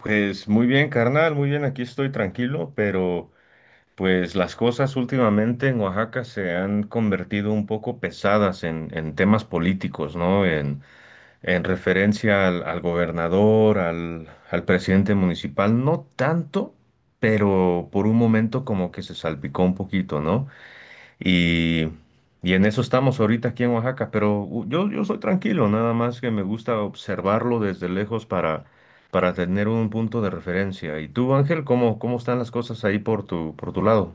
Pues muy bien, carnal, muy bien, aquí estoy tranquilo, pero pues las cosas últimamente en Oaxaca se han convertido un poco pesadas en temas políticos, ¿no? En referencia al gobernador, al presidente municipal, no tanto, pero por un momento como que se salpicó un poquito, ¿no? Y, y en eso estamos ahorita aquí en Oaxaca, pero yo soy tranquilo, nada más que me gusta observarlo desde lejos para tener un punto de referencia. ¿Y tú, Ángel, cómo están las cosas ahí por por tu lado?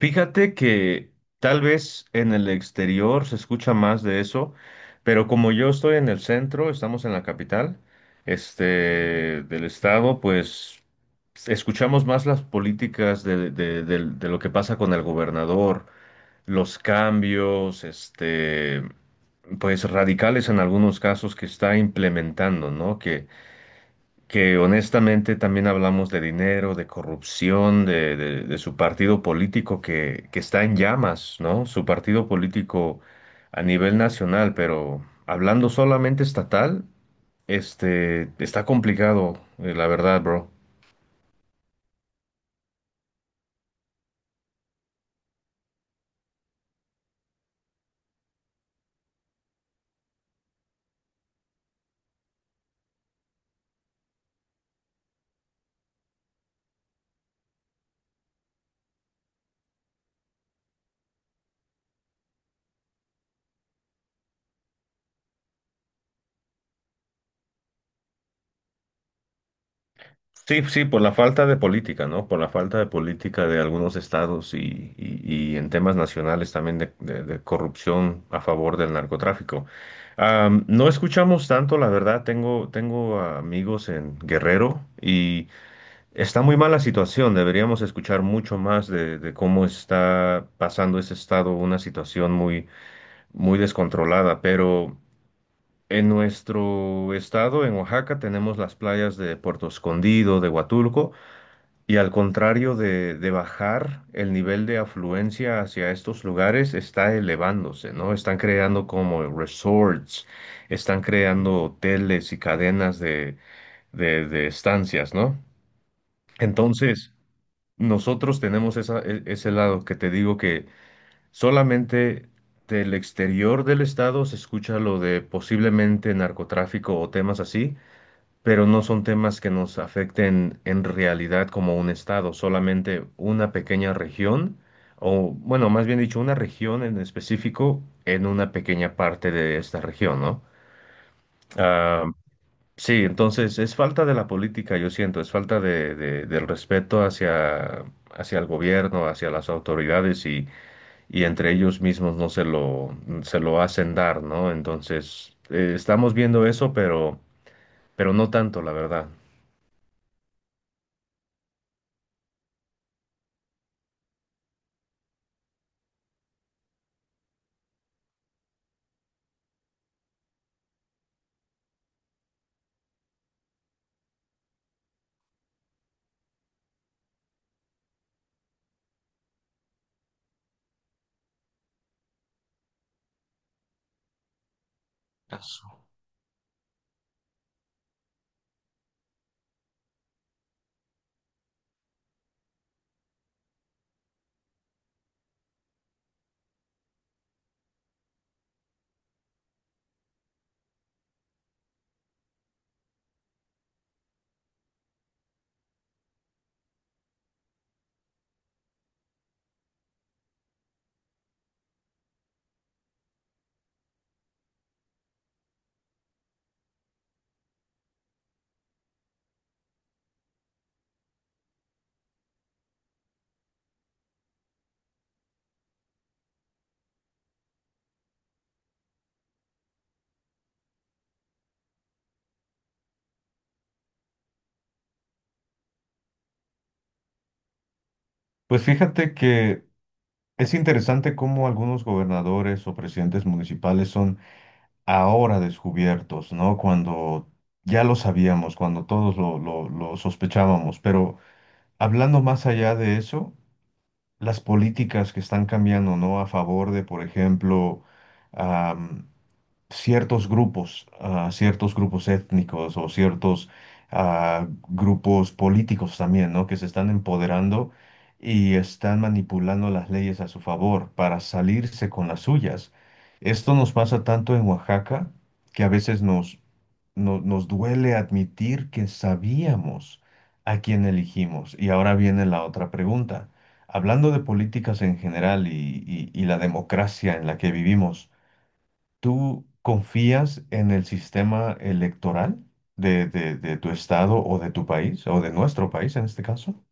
Fíjate que tal vez en el exterior se escucha más de eso, pero como yo estoy en el centro, estamos en la capital, este, del estado, pues escuchamos más las políticas de lo que pasa con el gobernador los cambios, este, pues radicales en algunos casos que está implementando, ¿no? Que honestamente también hablamos de dinero, de corrupción, de su partido político que está en llamas, ¿no? Su partido político a nivel nacional, pero hablando solamente estatal, este, está complicado, la verdad, bro. Sí, sí, por la falta de política, ¿no? Por la falta de política de algunos estados y en temas nacionales también de corrupción a favor del narcotráfico. No escuchamos tanto, la verdad, tengo amigos en Guerrero y está muy mala situación, deberíamos escuchar mucho más de cómo está pasando ese estado, una situación muy descontrolada, pero... En nuestro estado, en Oaxaca, tenemos las playas de Puerto Escondido, de Huatulco, y al contrario de bajar, el nivel de afluencia hacia estos lugares está elevándose, ¿no? Están creando como resorts, están creando hoteles y cadenas de estancias, ¿no? Entonces, nosotros tenemos ese lado que te digo que solamente del exterior del estado se escucha lo de posiblemente narcotráfico o temas así, pero no son temas que nos afecten en realidad como un estado, solamente una pequeña región, o bueno, más bien dicho, una región en específico en una pequeña parte de esta región, ¿no? Ah, sí, entonces es falta de la política, yo siento, es falta del respeto hacia el gobierno, hacia las autoridades y entre ellos mismos no se lo hacen dar, ¿no? Entonces, estamos viendo eso, pero no tanto, la verdad. Pues fíjate que es interesante cómo algunos gobernadores o presidentes municipales son ahora descubiertos, ¿no? Cuando ya lo sabíamos, cuando todos lo sospechábamos. Pero hablando más allá de eso, las políticas que están cambiando, ¿no? A favor de, por ejemplo, ciertos grupos, ciertos grupos étnicos o ciertos grupos políticos también, ¿no? Que se están empoderando y están manipulando las leyes a su favor para salirse con las suyas. Esto nos pasa tanto en Oaxaca que a veces nos, no- nos duele admitir que sabíamos a quién elegimos. Y ahora viene la otra pregunta. Hablando de políticas en general y la democracia en la que vivimos, ¿tú confías en el sistema electoral de tu estado o de tu país, o de nuestro país en este caso?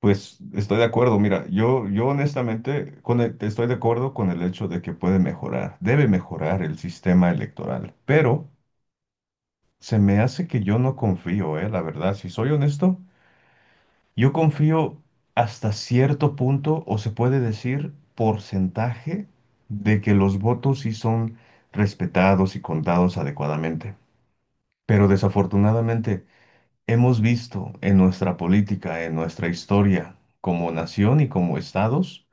Pues estoy de acuerdo, mira, yo honestamente estoy de acuerdo con el hecho de que puede mejorar, debe mejorar el sistema electoral, pero se me hace que yo no confío, la verdad, si soy honesto, yo confío hasta cierto punto, o se puede decir porcentaje, de que los votos sí son respetados y contados adecuadamente. Pero desafortunadamente hemos visto en nuestra política, en nuestra historia, como nación y como estados,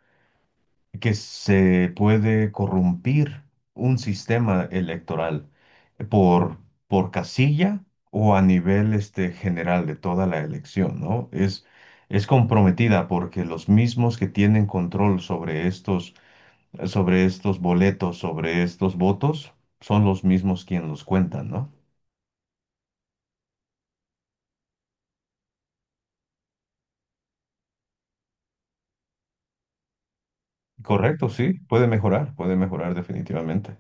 que se puede corrompir un sistema electoral por, por casilla o a nivel este, general de toda la elección, ¿no? Es comprometida porque los mismos que tienen control sobre sobre estos boletos, sobre estos votos, son los mismos quienes los cuentan, ¿no? Correcto, sí, puede mejorar definitivamente.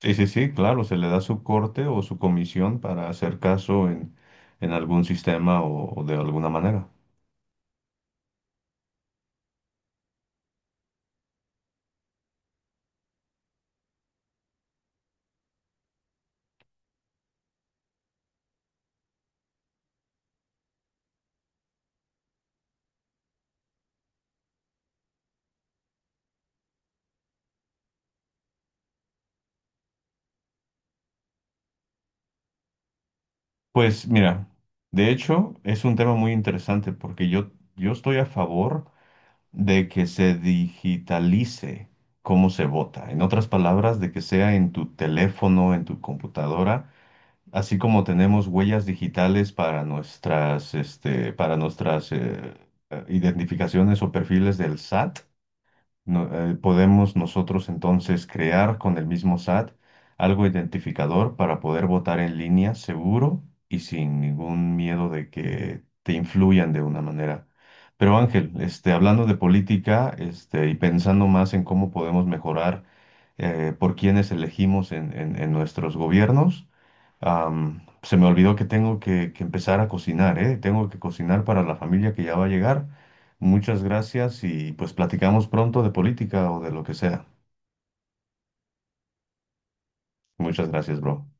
Sí, sí, sí, claro, se le da su corte o su comisión para hacer caso en algún sistema o de alguna manera. Pues mira, de hecho es un tema muy interesante porque yo estoy a favor de que se digitalice cómo se vota. En otras palabras, de que sea en tu teléfono, en tu computadora. Así como tenemos huellas digitales para nuestras, este, para nuestras identificaciones o perfiles del SAT, podemos nosotros entonces crear con el mismo SAT algo identificador para poder votar en línea seguro y sin ningún miedo de que te influyan de una manera. Pero Ángel, este, hablando de política, este, y pensando más en cómo podemos mejorar por quienes elegimos en en nuestros gobiernos. Se me olvidó que que empezar a cocinar, ¿eh? Tengo que cocinar para la familia que ya va a llegar. Muchas gracias y pues platicamos pronto de política o de lo que sea. Muchas gracias, bro.